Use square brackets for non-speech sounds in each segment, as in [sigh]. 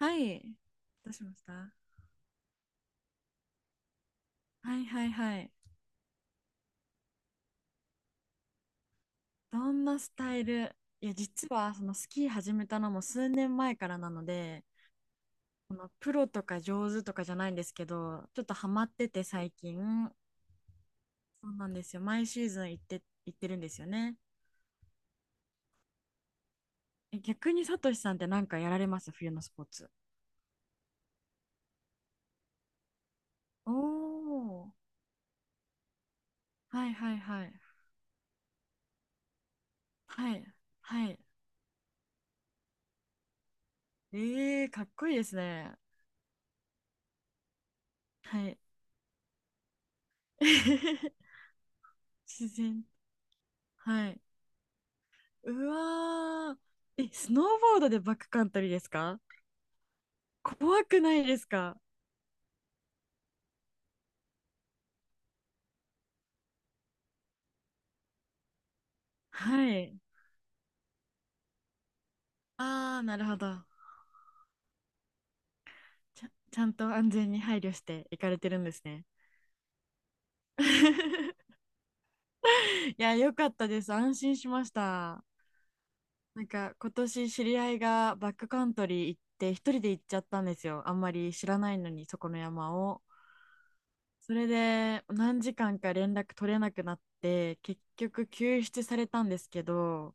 はい。どうしました。はいはいはい。どんなスタイル。いや、実はそのスキー始めたのも数年前からなので、このプロとか上手とかじゃないんですけど、ちょっとハマってて最近。そうなんですよ。毎シーズン行ってるんですよね。え、逆にサトシさんって何かやられます、冬のスポーツ。おー。はいはいはい。はい。はい。えー、かっこいいですね。はい。[laughs] 自然。はい。うわー。え、スノーボードでバックカントリーですか。怖くないですか。はい。ああ、なるほど。ちゃんと安全に配慮して行かれてるんですね。[laughs] いや、よかったです。安心しました。なんか、今年知り合いがバックカントリー行って、一人で行っちゃったんですよ。あんまり知らないのに、そこの山を。それで、何時間か連絡取れなくなって、結局救出されたんですけど、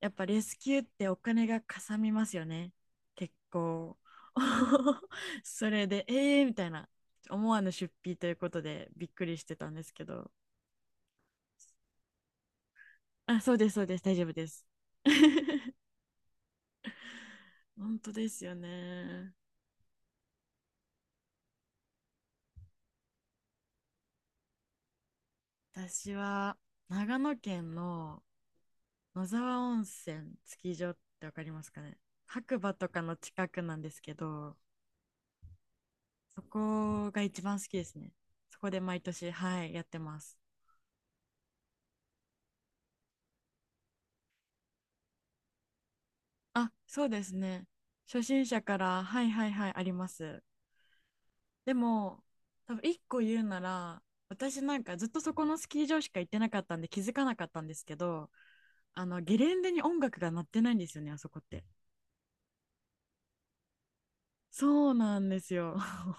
やっぱレスキューってお金がかさみますよね。結構。[laughs] それで、えーみたいな、思わぬ出費ということでびっくりしてたんですけど。あ、そうです、そうです、大丈夫です。[laughs] 本当ですよね。私は長野県の野沢温泉スキー場ってわかりますかね。白馬とかの近くなんですけど、そこが一番好きですね。そこで毎年、はい、やってます。あ、そうですね。初心者から、はいはいはい、あります。でも、多分一個言うなら、私なんかずっとそこのスキー場しか行ってなかったんで気づかなかったんですけど、あの、ゲレンデに音楽が鳴ってないんですよね、あそこって。そうなんですよ。[laughs]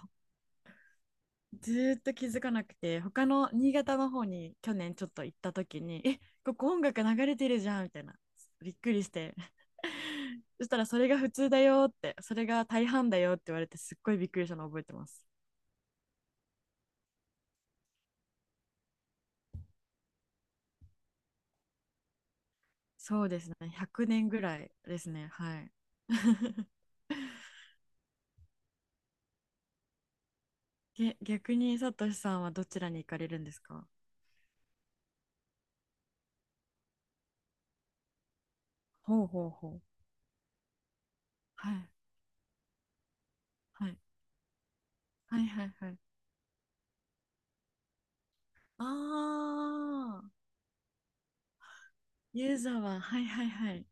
ずーっと気づかなくて、他の新潟の方に去年ちょっと行った時に、え、ここ音楽流れてるじゃん、みたいな。びっくりして。[laughs] そしたらそれが普通だよって、それが大半だよって言われて、すっごいびっくりしたのを覚えてます。そうですね。100年ぐらいですね。はい。[laughs] 逆にサトシさんはどちらに行かれるんですか。ほうほうほう。はい。はい。はいはいはい。ああ、ユーザーは、はいはいはい。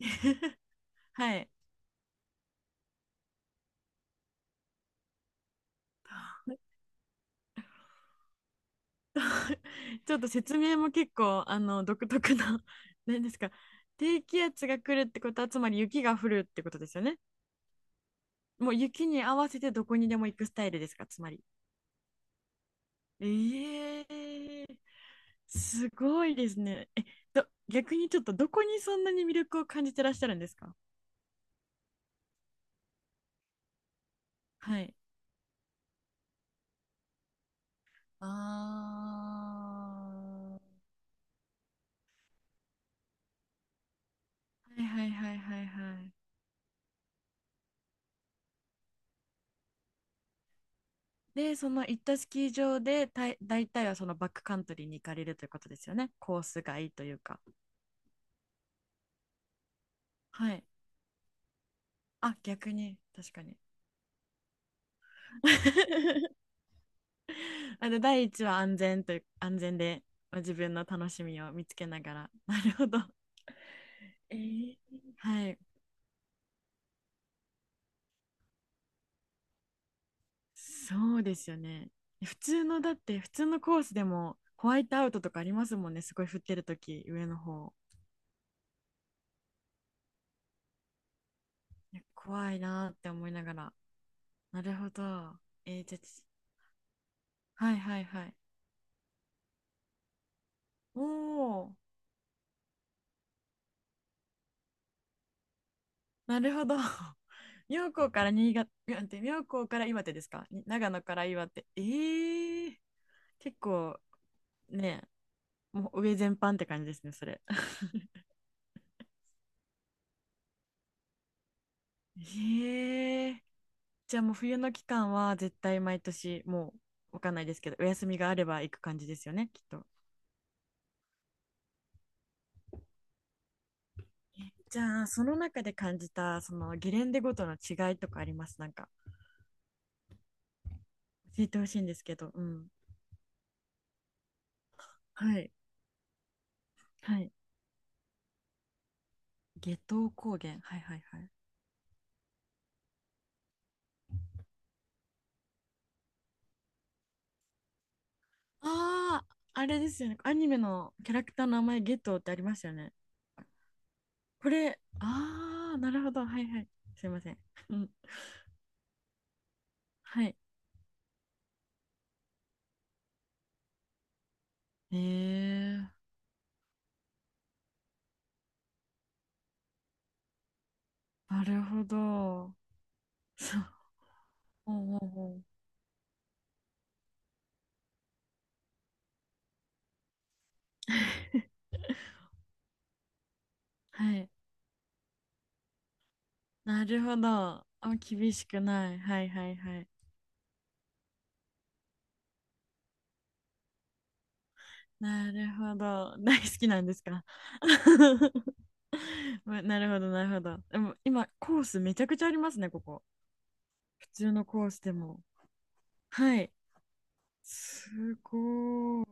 [laughs] はい。ちょっと説明も結構、あの、独特な、[laughs] 何ですか。低気圧が来るってことは、つまり雪が降るってことですよね。もう雪に合わせてどこにでも行くスタイルですか、つまり。ええ、すごいですね。え、逆にちょっとどこにそんなに魅力を感じてらっしゃるんですか。はい。あ、はいはいはいはいはい。で、その行ったスキー場で大体はそのバックカントリーに行かれるということですよね。コース外というか。はい。あ、逆に、確かに。[laughs] あの、第一は安全という、安全で、まあ自分の楽しみを見つけながら。なるほど。えー、はい。そうですよね。普通のだって普通のコースでもホワイトアウトとかありますもんね。すごい降ってるとき上の方。いや怖いなーって思いながら。なるほど。えー、じゃあち、はいはいはい。おお、なるほど。[laughs] 妙高から新潟、妙高から岩手ですかに、長野から岩手。えー、結構ね、もう上全般って感じですね、それ。[laughs] ええ、じゃあもう冬の期間は絶対毎年も、うわかんないですけど、お休みがあれば行く感じですよね、きっと。じゃあその中で感じたそのゲレンデごとの違いとかあります、なんか教えてほしいんですけど。うん。はいはい。夏油高原、はいはいはい。ああ、あれですよね、アニメのキャラクターの名前、ゲトウってありましたよね。これ、ああ、なるほど、はいはい、すいません。うん、はい。えー、なるほど。そう。おうおうおう、はい。なるほど。あ、厳しくない。はいはいはい。なるほど。大好きなんですか。 [laughs] ま、なるほどなるほど。でも今、コースめちゃくちゃありますね、ここ。普通のコースでも。はい。すごい。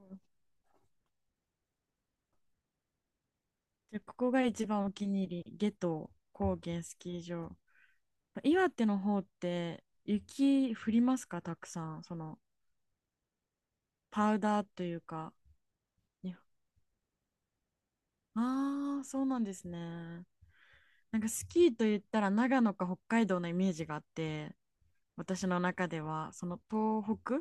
でここが一番お気に入り。夏油高原スキー場。岩手の方って雪降りますか、たくさん。その、パウダーというか。ああー、そうなんですね。なんかスキーと言ったら長野か北海道のイメージがあって、私の中ではその東北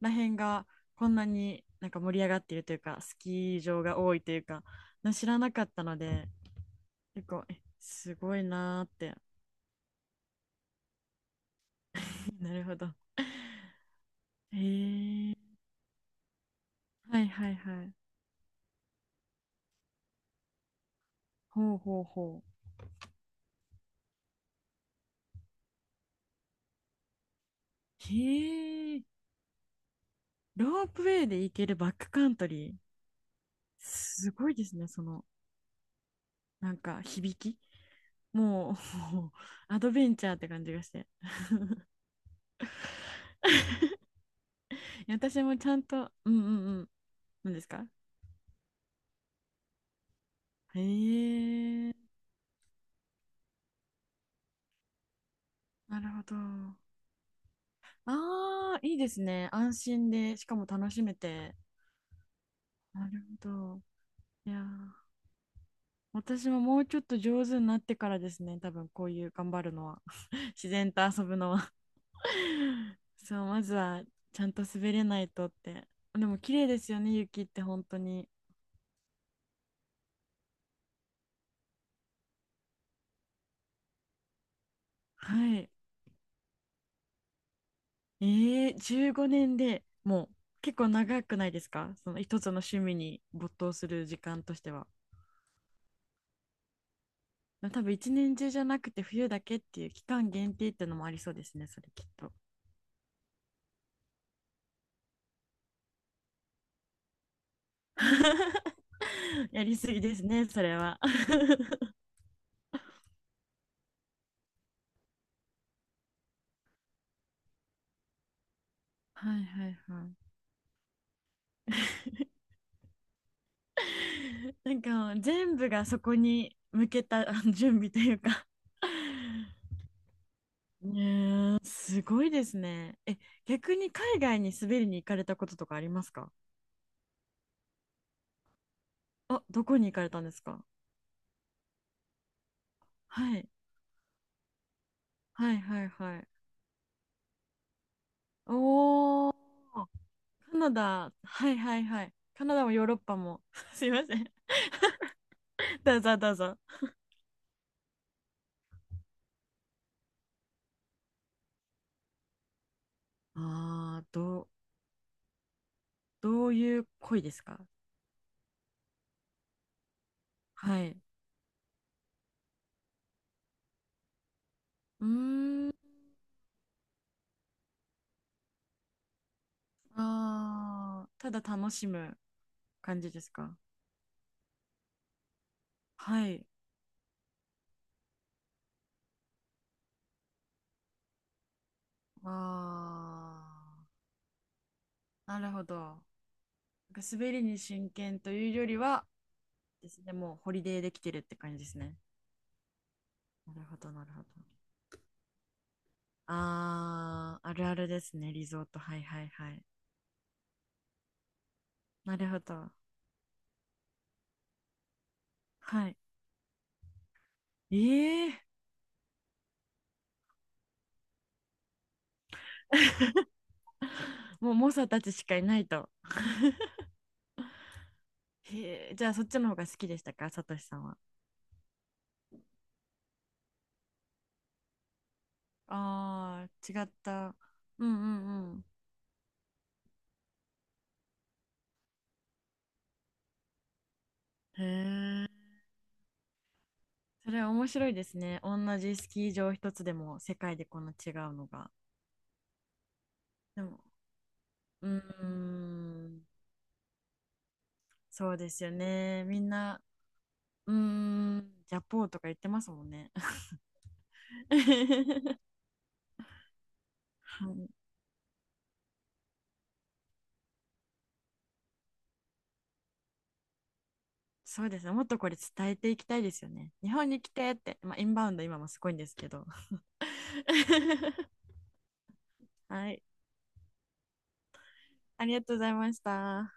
ら辺がこんなになんか盛り上がっているというか、スキー場が多いというか、知らなかったので、結構、え、すごいなーって。 [laughs] なるほど。 [laughs] へえ、はいはいはい、ほうほうほう、へえ。ロープウェイで行けるバックカントリー。すごいですね、その、なんか響き、もう [laughs] アドベンチャーって感じがして。私もちゃんと、うんうんうん。何ですか。へえ、なるほど。ああ、いいですね。安心で、しかも楽しめて。なるほど。いやー、私ももうちょっと上手になってからですね。多分こういう頑張るのは。[laughs] 自然と遊ぶのは [laughs] そう、まずはちゃんと滑れないとって。でも綺麗ですよね、雪って本当に。はい。ええ、15年でもう結構長くないですか、その一つの趣味に没頭する時間としては。多分一年中じゃなくて冬だけっていう期間限定ってのもありそうですね、それきっと。[laughs] やりすぎですね、それは。[laughs] はいはいはい。なんか全部がそこに向けたあの [laughs] 準備というか。ねえ、すごいですね。え、逆に海外に滑りに行かれたこととかありますか。あ、どこに行かれたんですか。はい、はいはいはい。おー、カナダ、はいはいはい。カナダもヨーロッパも。[laughs] すいません。[laughs] どうぞどうぞ。ああ、どう、どういう恋ですか。はい。うーん。ああ、ただ楽しむ感じですか。はい。ああ、なるほど。なんか滑りに真剣というよりはですね、もうホリデーできてるって感じですね。なるほど、なるほど。ああ、あるあるですね、リゾート。はいはいはい。なるほど。はい。ええ、もう猛者たちしかいないと。へえ、じゃあそっちの方が好きでしたか、さとしさんは。ああ、違った。うんうんうん。へえ、それは面白いですね。同じスキー場一つでも世界でこんな違うのが。でも、うーん、そうですよね。みんな、うーん、ジャポーとか言ってますもんね。[laughs] はい。そうですね。もっとこれ伝えていきたいですよね。日本に来てって。まあ、インバウンド今もすごいんですけど。[laughs] はい。ありがとうございました。